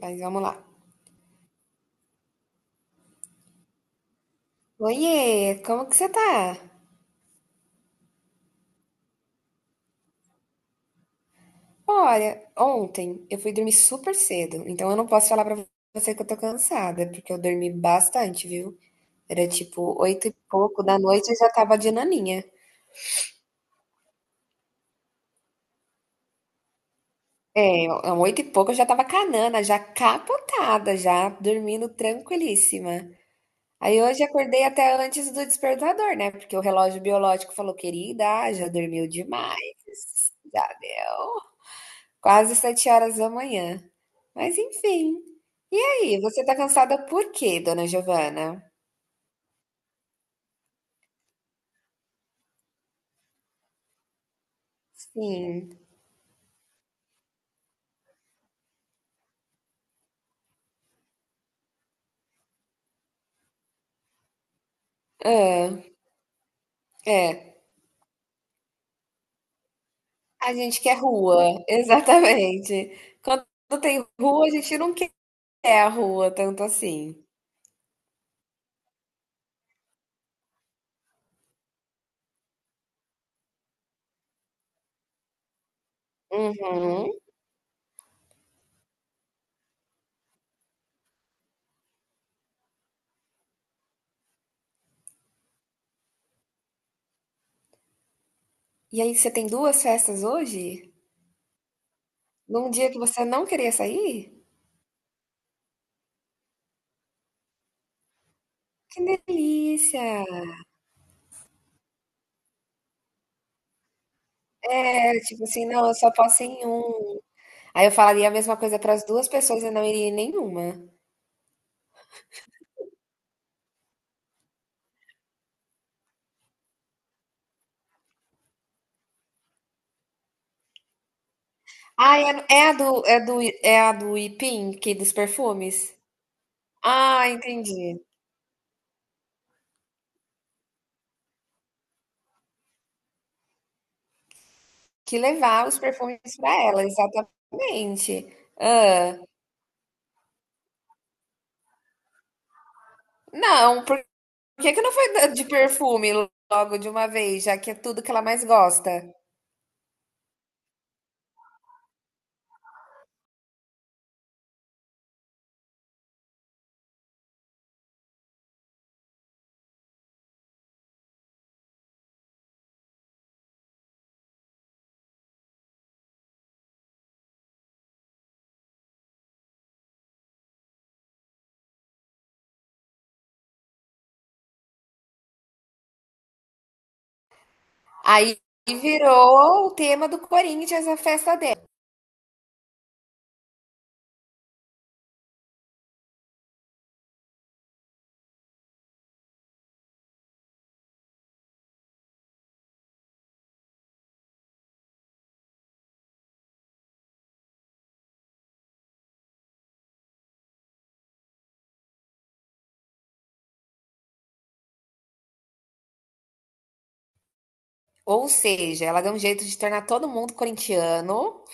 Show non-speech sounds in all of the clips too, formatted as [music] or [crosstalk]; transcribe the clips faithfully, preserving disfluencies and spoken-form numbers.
Mas vamos lá. Oiê, como que você tá? Olha, ontem eu fui dormir super cedo, então eu não posso falar pra você que eu tô cansada, porque eu dormi bastante, viu? Era tipo oito e pouco da noite e eu já tava de naninha. É, é um oito e pouco eu já tava canana, já capotada, já dormindo tranquilíssima. Aí hoje acordei até antes do despertador, né? Porque o relógio biológico falou, querida, já dormiu demais, já deu. Quase sete horas da manhã. Mas enfim. E aí, você tá cansada por quê, dona Giovana? Sim. Hã, é. A gente quer rua, [laughs] exatamente. Quando tem rua, a gente não quer a rua tanto assim. Uhum. E aí, você tem duas festas hoje? Num dia que você não queria sair? Que delícia! É, tipo assim, não, eu só posso ir em um. Aí eu falaria a mesma coisa para as duas pessoas e não iria em nenhuma. Ah, é a é a do é do é a do Ipim, que dos perfumes? Ah, entendi. Que levar os perfumes para ela, exatamente. Ah, não, por que que não foi da de perfume logo de uma vez, já que é tudo que ela mais gosta? Aí virou o tema do Corinthians, a festa dela. Ou seja, ela deu um jeito de tornar todo mundo corintiano.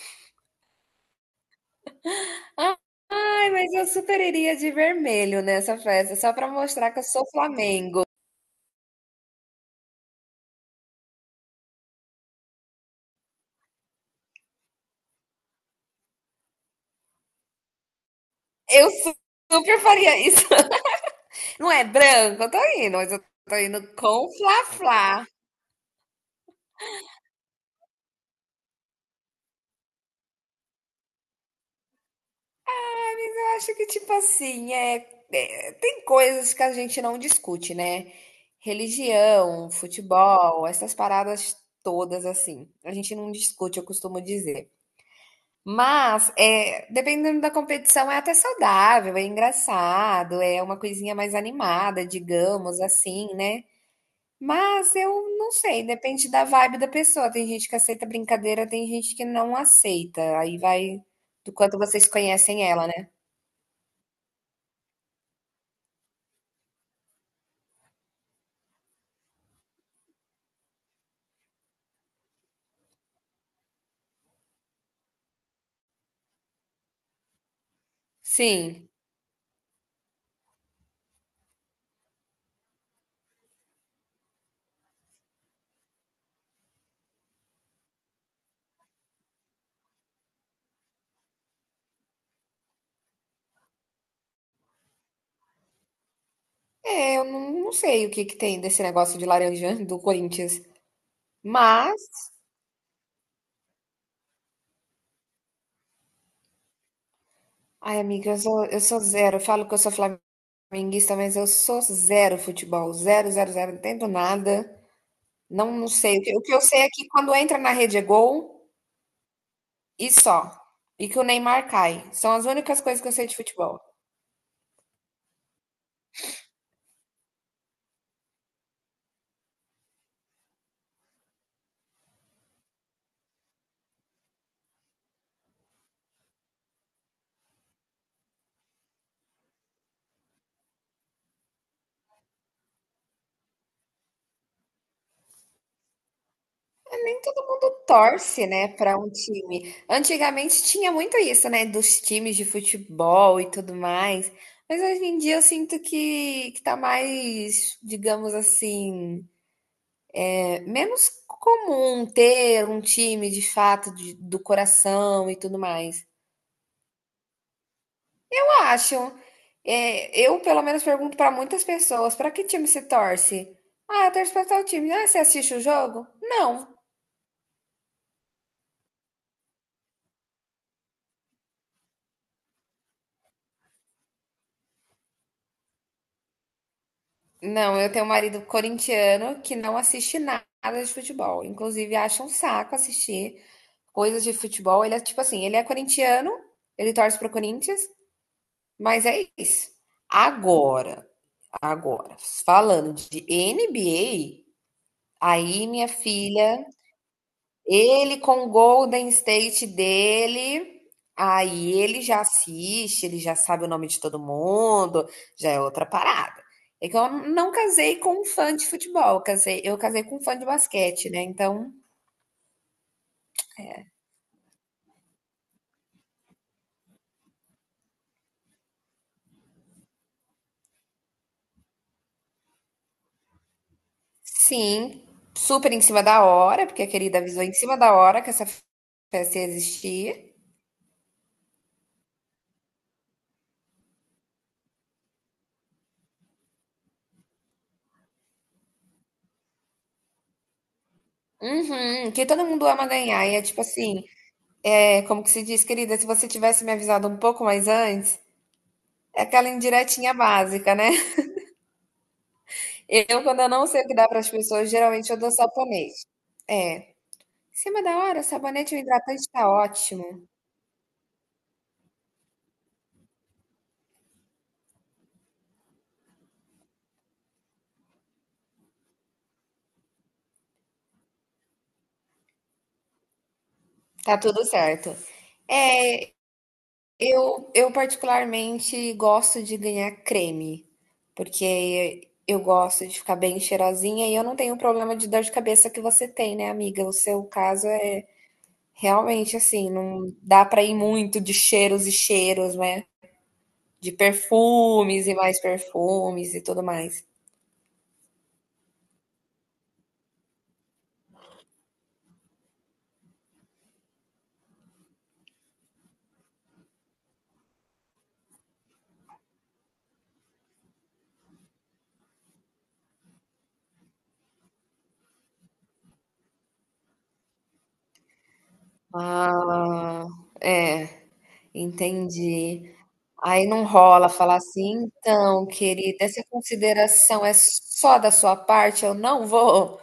Ai, mas eu super iria de vermelho nessa festa, só para mostrar que eu sou Flamengo. Eu su- Super faria isso. [laughs] Não é branco, eu tô indo, mas eu tô indo com fla-flá. Eu acho que, tipo assim, é, é- tem coisas que a gente não discute, né? Religião, futebol, essas paradas todas, assim. A gente não discute, eu costumo dizer. Mas, é, dependendo da competição, é até saudável, é engraçado, é uma coisinha mais animada, digamos assim, né? Mas eu não sei, depende da vibe da pessoa. Tem gente que aceita brincadeira, tem gente que não aceita. Aí vai do quanto vocês conhecem ela, né? Sim. É, eu não, não sei o que que tem desse negócio de laranja do Corinthians. Mas, ai, amiga, eu sou, eu sou zero. Eu falo que eu sou flamenguista, mas eu sou zero futebol. Zero, zero, zero. Não entendo nada. Não, não sei. O que, o que eu sei é que quando entra na rede é gol e só. E que o Neymar cai. São as únicas coisas que eu sei de futebol. Todo mundo torce, né, para um time. Antigamente tinha muito isso, né, dos times de futebol e tudo mais. Mas hoje em dia eu sinto que, que tá mais, digamos assim, é, menos comum ter um time de fato de- do coração e tudo mais. Eu acho. É, eu, pelo menos, pergunto para muitas pessoas: para que time você torce? Ah, eu torço para tal time. Ah, você assiste o jogo? Não. Não, eu tenho um marido corintiano que não assiste nada de futebol. Inclusive, acha um saco assistir coisas de futebol. Ele é tipo assim, ele é corintiano, ele torce pro Corinthians, mas é isso. Agora, agora, falando de N B A, aí minha filha ele com o Golden State dele, aí ele já assiste, ele já sabe o nome de todo mundo, já é outra parada. É que eu não casei com um fã de futebol, eu casei, eu casei com um fã de basquete, né? Então, sim, super em cima da hora, porque a querida avisou em cima da hora que essa festa ia existir. Uhum, que todo mundo ama ganhar. E é tipo assim, é como que se diz, querida, se você tivesse me avisado um pouco mais antes, é aquela indiretinha básica, né? Eu, quando eu não sei o que dá para as pessoas, geralmente eu dou sabonete. É, em cima da hora, sabonete e um hidratante tá ótimo, tá tudo certo. É, eu, eu particularmente gosto de ganhar creme, porque eu gosto de ficar bem cheirosinha e eu não tenho o problema de dor de cabeça que você tem, né, amiga? O seu caso é realmente assim, não dá para ir muito de cheiros e cheiros, né? De perfumes e mais perfumes e tudo mais. Ah, é, entendi. Aí não rola falar assim: "Então, querida, essa consideração é só da sua parte, eu não vou".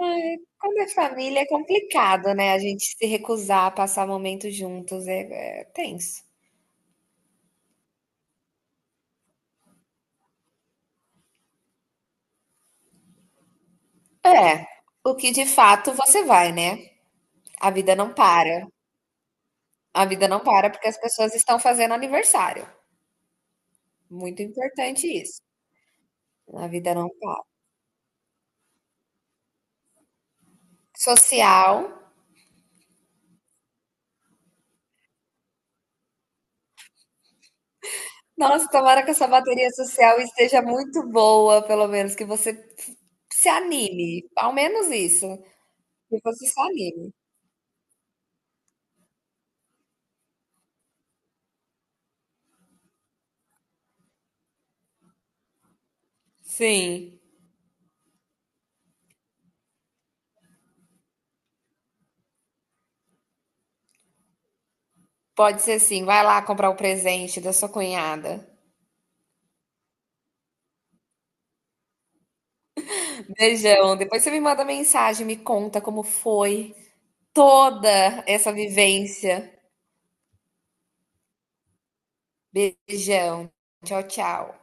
Ai, quando é família é complicado, né, a gente se recusar a passar momentos juntos, é é tenso. É, o que de fato você vai, né. A vida não para, a vida não para porque as pessoas estão fazendo aniversário, muito importante isso, a vida não para. Social. Nossa, tomara que essa bateria social esteja muito boa, pelo menos, que você f- se anime. Ao menos isso. Que você se anime. Sim, pode ser sim. Vai lá comprar o presente da sua cunhada. Beijão. Depois você me manda mensagem, me conta como foi toda essa vivência. Beijão. Tchau, tchau.